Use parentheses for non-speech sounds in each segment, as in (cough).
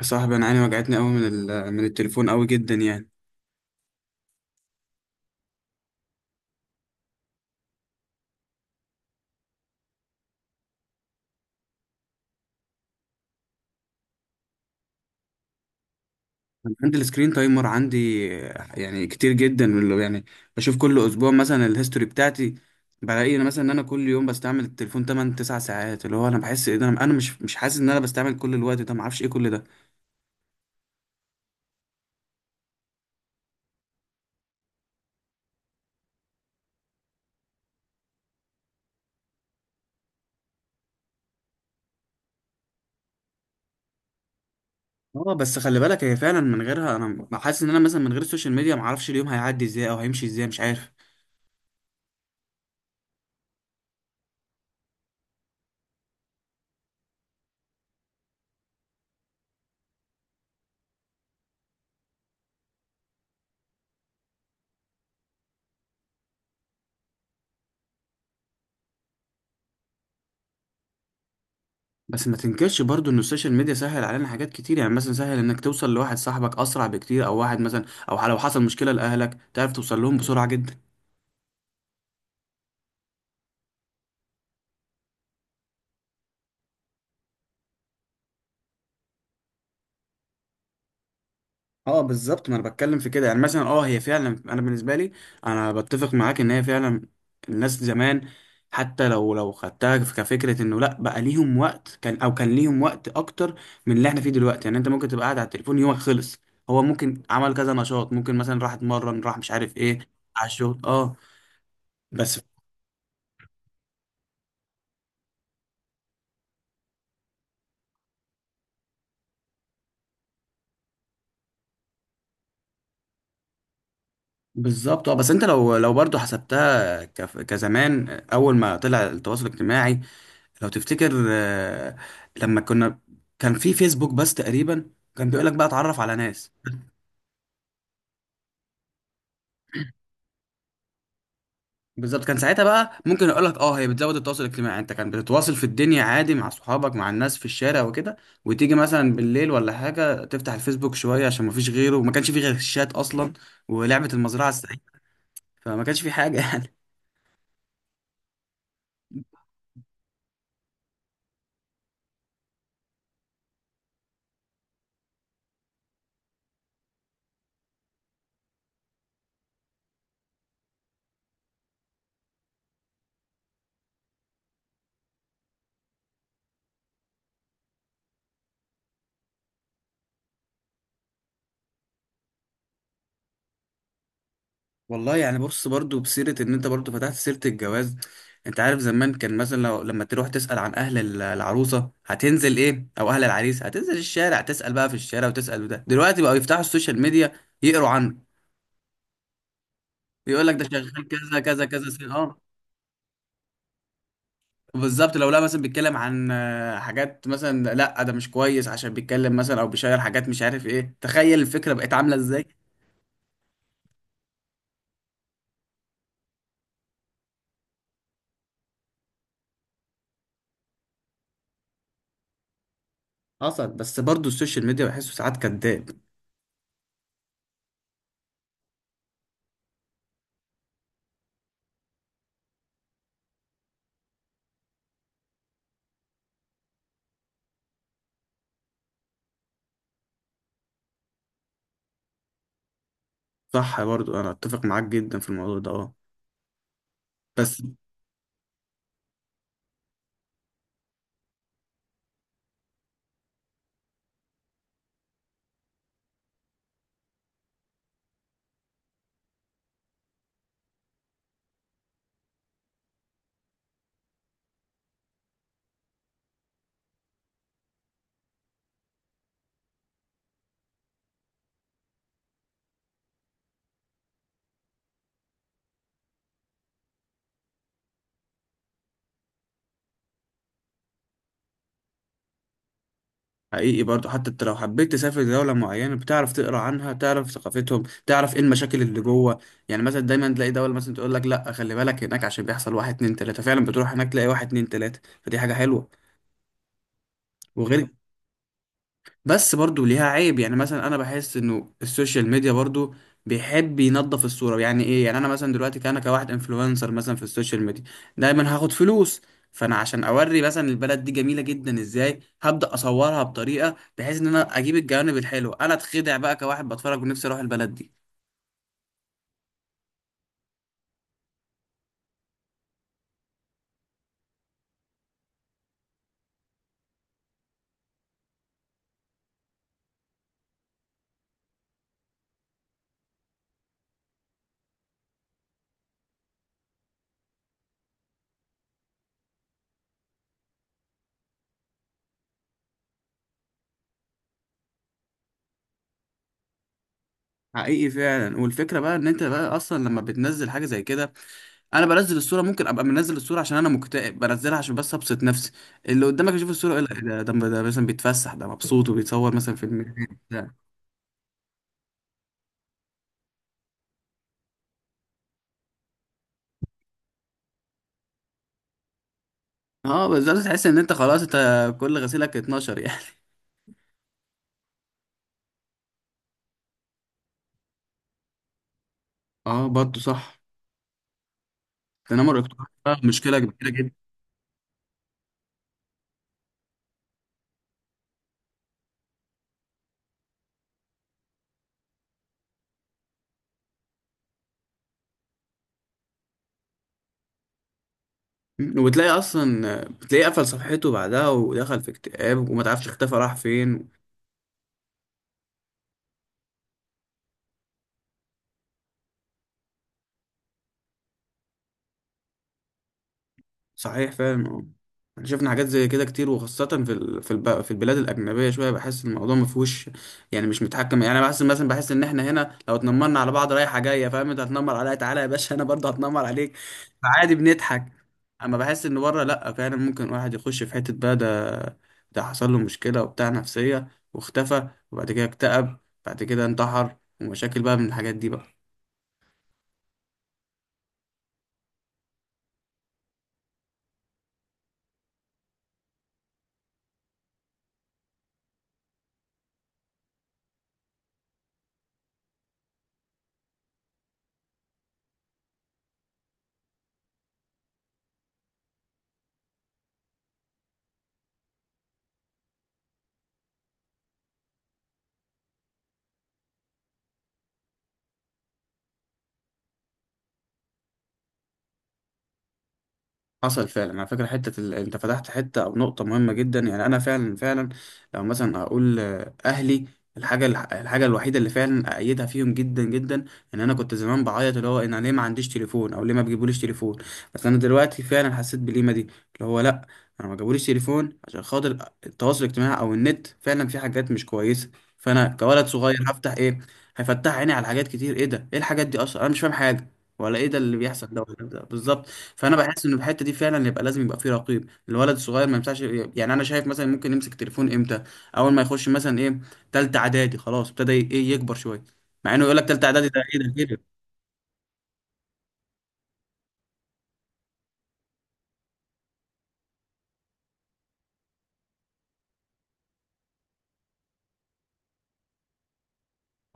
يا صاحبي، انا عيني وجعتني قوي من التليفون قوي جدا يعني. أنا عندي السكرين تايمر عندي. يعني كتير جدا يعني. بشوف كل اسبوع مثلا الهيستوري بتاعتي. بلاقي انا مثلا ان انا كل يوم بستعمل التليفون 8 9 ساعات، اللي هو انا بحس ايه ده، أنا مش حاسس ان انا بستعمل كل الوقت ده، ما اعرفش ايه كل ده. اه، بس خلي بالك، هي فعلا من غيرها انا حاسس ان انا مثلا من غير السوشيال ميديا ما اعرفش اليوم هيعدي ازاي او هيمشي ازاي، مش عارف. بس ما تنكرش برضو ان السوشيال ميديا سهل علينا حاجات كتير، يعني مثلا سهل انك توصل لواحد صاحبك اسرع بكتير، او واحد مثلا، او لو حصل مشكله لاهلك تعرف توصل لهم بسرعه جدا. اه بالظبط، ما انا بتكلم في كده، يعني مثلا اه هي فعلا، انا بالنسبه لي انا بتفق معاك ان هي فعلا. الناس زمان حتى لو خدتها كفكره انه لا، بقى ليهم وقت، كان او كان ليهم وقت اكتر من اللي احنا فيه دلوقتي. يعني انت ممكن تبقى قاعد على التليفون يومك خلص، هو ممكن عمل كذا نشاط، ممكن مثلا راح اتمرن، راح مش عارف ايه، على الشغل، اه بس. بالظبط، اه بس انت لو برضو حسبتها كزمان اول ما طلع التواصل الاجتماعي، لو تفتكر، لما كنا كان في فيسبوك بس تقريبا، كان بيقول لك بقى اتعرف على ناس. بالظبط، كان ساعتها بقى ممكن اقول لك اه هي بتزود التواصل الاجتماعي، انت كان بتتواصل في الدنيا عادي مع صحابك مع الناس في الشارع وكده، وتيجي مثلا بالليل ولا حاجه تفتح الفيسبوك شويه عشان ما فيش غيره، وما كانش في غير الشات اصلا ولعبه المزرعه السعيده. فما كانش في حاجه (laughs) يعني. والله يعني، بص، برضو بسيرة ان انت برضو فتحت سيرة الجواز، انت عارف زمان كان مثلا لو لما تروح تسأل عن العروسة هتنزل ايه، او اهل العريس هتنزل الشارع تسأل بقى في الشارع وتسأل، وده دلوقتي بقوا يفتحوا السوشيال ميديا يقروا عنه، يقول لك ده شغال كذا كذا كذا سنة، اه. بالظبط، لو لا مثلا بيتكلم عن حاجات، مثلا لا ده مش كويس عشان بيتكلم مثلا او بيشير حاجات مش عارف ايه، تخيل الفكرة بقت عاملة ازاي. حصل. بس برضو السوشيال ميديا بحسه ساعات كداب. صح، برضو انا اتفق معاك جدا في الموضوع ده، اه، بس. حقيقي، برضو حتى انت لو حبيت تسافر دولة معينة بتعرف تقرا عنها، تعرف ثقافتهم، تعرف ايه المشاكل اللي جوه. يعني مثلا دايما تلاقي دولة مثلا تقول لك لا خلي بالك هناك عشان بيحصل واحد اتنين تلاتة، فعلا بتروح هناك تلاقي واحد اتنين تلاتة، فدي حاجة حلوة. وغير، بس برضو ليها عيب، يعني مثلا انا بحس انه السوشيال ميديا برضو بيحب ينظف الصورة، يعني ايه، يعني انا مثلا دلوقتي كأنا كواحد انفلونسر مثلا في السوشيال ميديا دايما هاخد فلوس، فانا عشان اوري مثلا البلد دي جميلة جدا ازاي هبدأ اصورها بطريقة بحيث ان انا اجيب الجوانب الحلوة، انا اتخدع بقى كواحد بتفرج ونفسي اروح البلد دي. حقيقي فعلا، والفكرة بقى ان انت بقى اصلا لما بتنزل حاجة زي كده، انا بنزل الصوره ممكن ابقى منزل الصوره عشان انا مكتئب، بنزلها عشان بس ابسط نفسي، اللي قدامك يشوف الصوره يقول لك إيه ده، ده مثلا بيتفسح، ده مبسوط وبيتصور مثلا في المكان ده. اه بالظبط، تحس ان انت خلاص انت كل غسيلك 12 يعني. اه برضه صح، التنمر الاجتماعي ده مشكله كبيره جدا. وبتلاقي اصلا بتلاقيه قفل صفحته بعدها ودخل في اكتئاب وما تعرفش اختفى راح فين. صحيح فعلا، اه. احنا شفنا حاجات زي كده كتير، وخاصة في البلاد الأجنبية شوية بحس الموضوع ما فيهوش، يعني مش متحكم، يعني بحس إن احنا هنا لو اتنمرنا على بعض رايحة جاية، فاهم، أنت هتنمر عليا تعالى يا باشا أنا برضه هتنمر عليك، فعادي بنضحك. أما بحس إن بره لأ، فعلا ممكن واحد يخش في حتة بقى ده، ده حصل له مشكلة وبتاع نفسية، واختفى، وبعد كده اكتئب، بعد كده انتحر، ومشاكل بقى من الحاجات دي بقى. حصل فعلا على فكرة، انت فتحت حتة او نقطة مهمة جدا، يعني انا فعلا فعلا لو مثلا اقول اهلي، الحاجة الوحيدة اللي فعلا أأيدها فيهم جدا جدا، إن أنا كنت زمان بعيط اللي هو إن أنا ليه ما عنديش تليفون أو ليه ما بيجيبوليش تليفون، بس أنا دلوقتي فعلا حسيت بالقيمة دي، اللي هو لأ، أنا ما جابوليش تليفون عشان خاطر التواصل الاجتماعي أو النت فعلا في حاجات مش كويسة. فأنا كولد صغير هفتح إيه، هيفتح عيني على حاجات كتير، إيه ده، إيه الحاجات دي، أصلا أنا مش فاهم حاجة، ولا إيه ده اللي بيحصل ده، ولا ده بالظبط. فانا بحس ان في الحته دي فعلا يبقى لازم يبقى في رقيب، الولد الصغير ما ينفعش، يعني انا شايف مثلا ممكن يمسك تليفون امتى، اول ما يخش مثلا ايه تالتة اعدادي خلاص، ابتدى ايه يكبر شويه، مع انه يقول لك تالتة اعدادي ده ايه ده كده.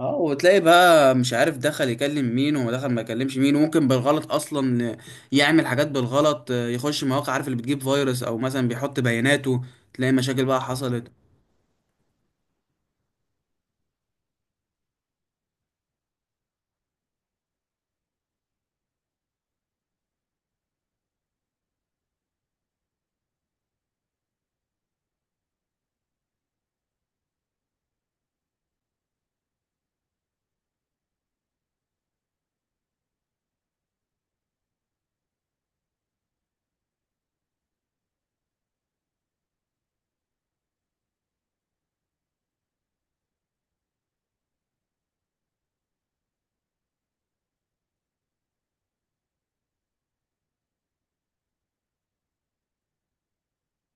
اه، وتلاقي بقى مش عارف دخل يكلم مين ودخل ما يكلمش مين، وممكن بالغلط اصلا يعمل حاجات بالغلط، يخش مواقع عارف اللي بتجيب فيروس، او مثلا بيحط بياناته، تلاقي مشاكل بقى حصلت.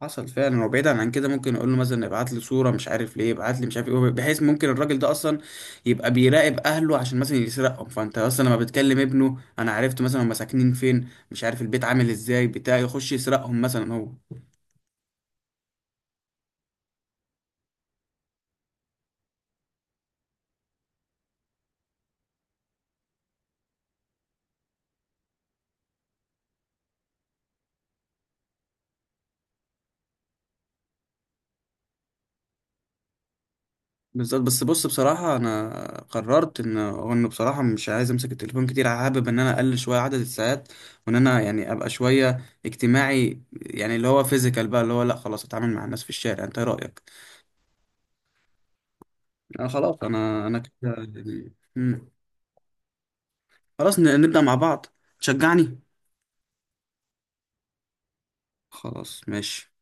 حصل فعلا، وبعيدا عن كده ممكن اقول له مثلا ابعت لي صوره مش عارف ليه، ابعت لي مش عارف ايه، بحيث ممكن الراجل ده اصلا يبقى بيراقب اهله عشان مثلا يسرقهم، فانت اصلا لما بتكلم ابنه انا عرفت مثلا هم ساكنين فين، مش عارف البيت عامل ازاي بتاع، يخش يسرقهم مثلا هو. بالظبط، بس بص بصراحه انا قررت ان انه بصراحه مش عايز امسك التليفون كتير، حابب ان انا اقلل شويه عدد الساعات، وان انا يعني ابقى شويه اجتماعي، يعني اللي هو فيزيكال بقى، اللي هو لا خلاص اتعامل مع الناس في الشارع، انت إيه رايك؟ آه خلاص، انا كده يعني. مم. خلاص، نبدأ مع بعض، تشجعني. خلاص ماشي.